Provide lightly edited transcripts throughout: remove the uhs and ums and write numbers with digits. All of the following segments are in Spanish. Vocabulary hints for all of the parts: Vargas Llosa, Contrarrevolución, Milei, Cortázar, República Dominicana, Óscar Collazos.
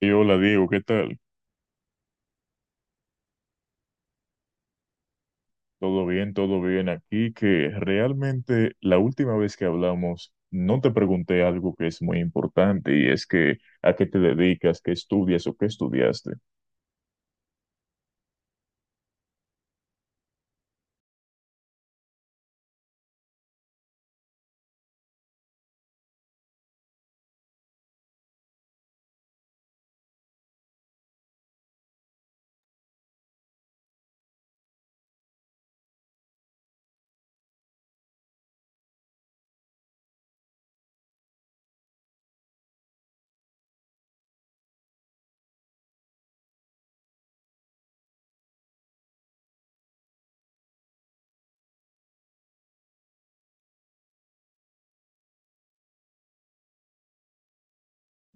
Y hola Diego, ¿qué tal? Todo bien aquí, que realmente la última vez que hablamos no te pregunté algo que es muy importante y es que a qué te dedicas, qué estudias o qué estudiaste.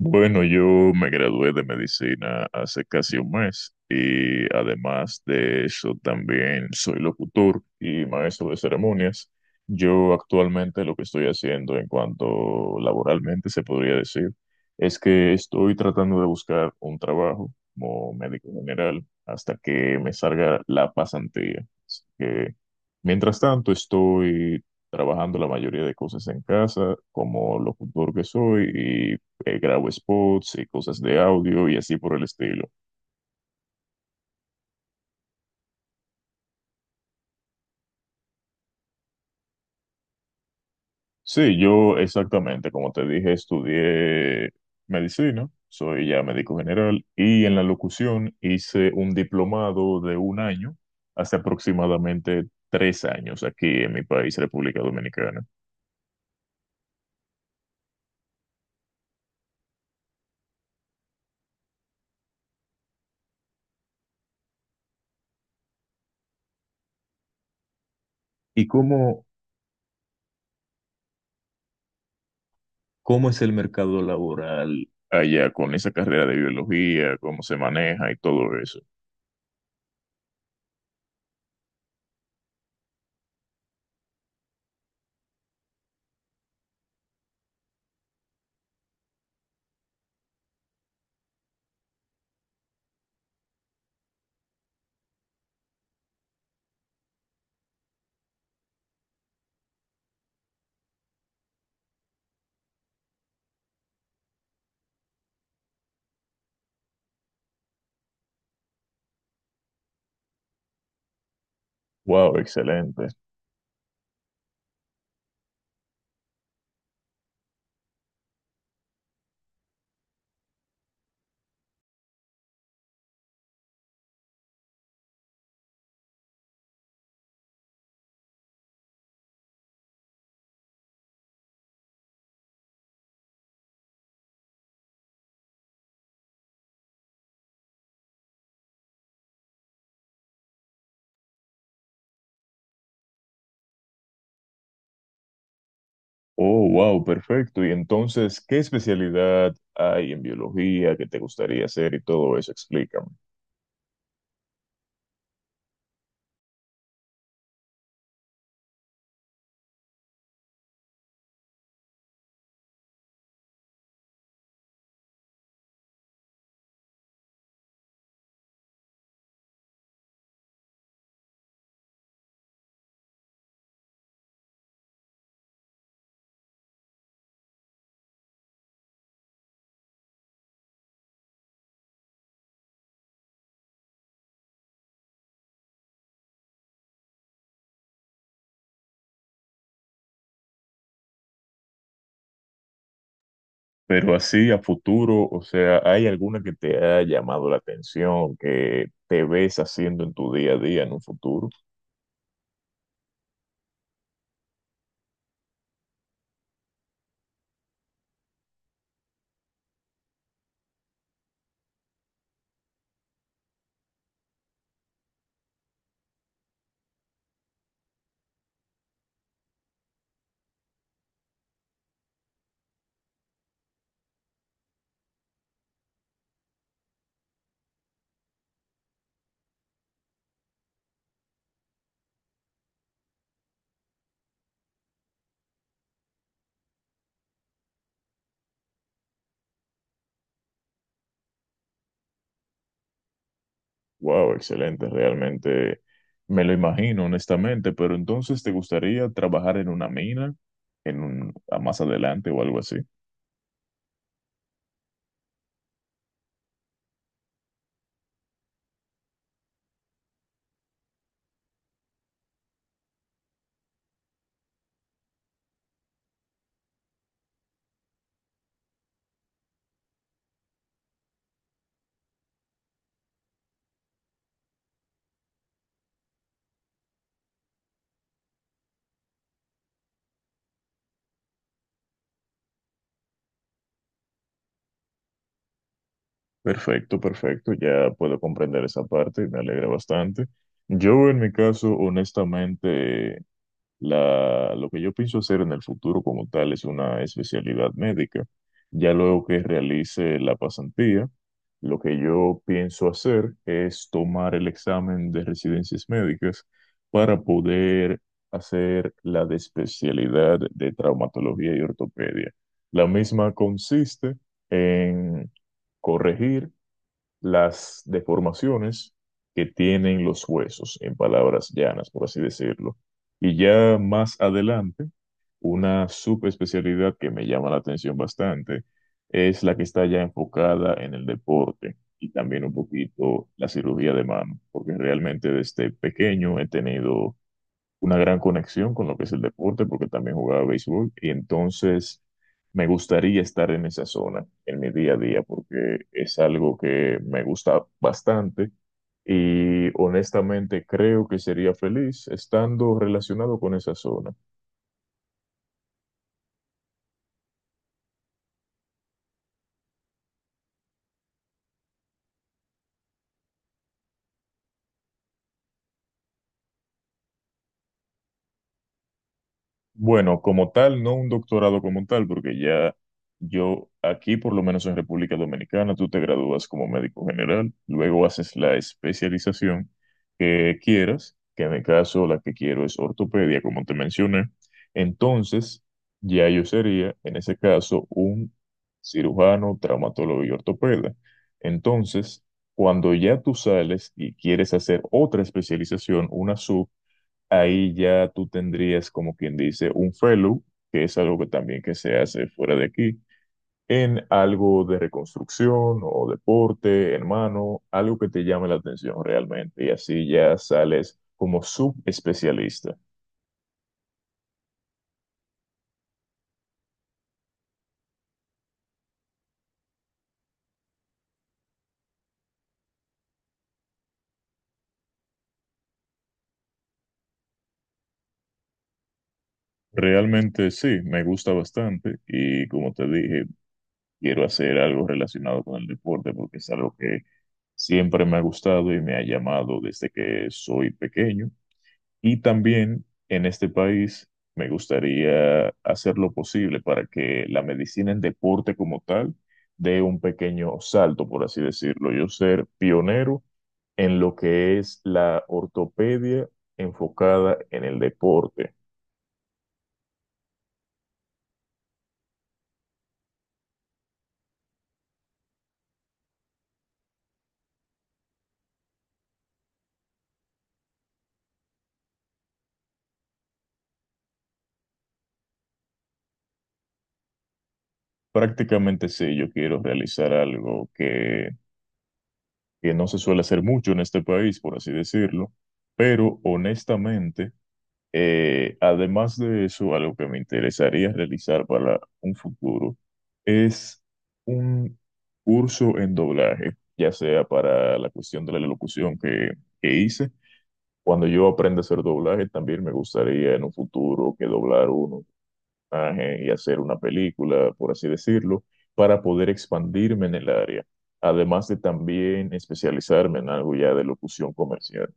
Bueno, yo me gradué de medicina hace casi un mes y además de eso también soy locutor y maestro de ceremonias. Yo actualmente lo que estoy haciendo en cuanto laboralmente se podría decir es que estoy tratando de buscar un trabajo como médico general hasta que me salga la pasantía. Mientras tanto, estoy trabajando la mayoría de cosas en casa, como locutor que soy, y grabo spots y cosas de audio y así por el estilo. Sí, yo exactamente, como te dije, estudié medicina, soy ya médico general, y en la locución hice un diplomado de un año, hace aproximadamente 3 años aquí en mi país, República Dominicana. ¿Y cómo ¿Cómo es el mercado laboral allá con esa carrera de biología? ¿Cómo se maneja y todo eso? Wow, excelente. Oh, wow, perfecto. Y entonces, ¿qué especialidad hay en biología que te gustaría hacer y todo eso? Explícame. Pero así a futuro, o sea, ¿hay alguna que te ha llamado la atención, que te ves haciendo en tu día a día en un futuro? Wow, excelente, realmente me lo imagino, honestamente, pero entonces ¿te gustaría trabajar en una mina, en un, a más adelante o algo así? Perfecto, perfecto, ya puedo comprender esa parte, me alegra bastante. Yo en mi caso, honestamente, lo que yo pienso hacer en el futuro como tal es una especialidad médica. Ya luego que realice la pasantía, lo que yo pienso hacer es tomar el examen de residencias médicas para poder hacer la de especialidad de traumatología y ortopedia. La misma consiste en corregir las deformaciones que tienen los huesos, en palabras llanas, por así decirlo. Y ya más adelante, una subespecialidad que me llama la atención bastante es la que está ya enfocada en el deporte y también un poquito la cirugía de mano, porque realmente desde pequeño he tenido una gran conexión con lo que es el deporte, porque también jugaba béisbol, y entonces me gustaría estar en esa zona en mi día a día, porque es algo que me gusta bastante y honestamente creo que sería feliz estando relacionado con esa zona. Bueno, como tal, no un doctorado como tal, porque ya yo aquí, por lo menos en República Dominicana, tú te gradúas como médico general, luego haces la especialización que quieras, que en mi caso la que quiero es ortopedia, como te mencioné. Entonces, ya yo sería, en ese caso, un cirujano, traumatólogo y ortopeda. Entonces, cuando ya tú sales y quieres hacer otra especialización, una sub, ahí ya tú tendrías, como quien dice, un fellow, que es algo que también que se hace fuera de aquí, en algo de reconstrucción o deporte, hermano, algo que te llame la atención realmente, y así ya sales como subespecialista. Realmente sí, me gusta bastante y como te dije, quiero hacer algo relacionado con el deporte porque es algo que siempre me ha gustado y me ha llamado desde que soy pequeño. Y también en este país me gustaría hacer lo posible para que la medicina en deporte como tal dé un pequeño salto, por así decirlo. Yo ser pionero en lo que es la ortopedia enfocada en el deporte. Prácticamente sí, yo quiero realizar algo que no se suele hacer mucho en este país, por así decirlo, pero honestamente. Además de eso, algo que me interesaría realizar para un futuro es un curso en doblaje, ya sea para la cuestión de la locución que hice. Cuando yo aprenda a hacer doblaje, también me gustaría en un futuro que doblar un personaje y hacer una película, por así decirlo, para poder expandirme en el área. Además de también especializarme en algo ya de locución comercial.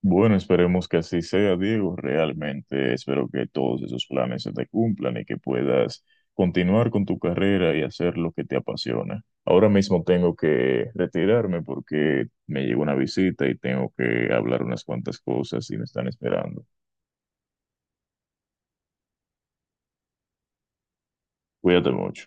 Bueno, esperemos que así sea, Diego. Realmente espero que todos esos planes se te cumplan y que puedas continuar con tu carrera y hacer lo que te apasiona. Ahora mismo tengo que retirarme porque me llegó una visita y tengo que hablar unas cuantas cosas y me están esperando. Cuídate mucho.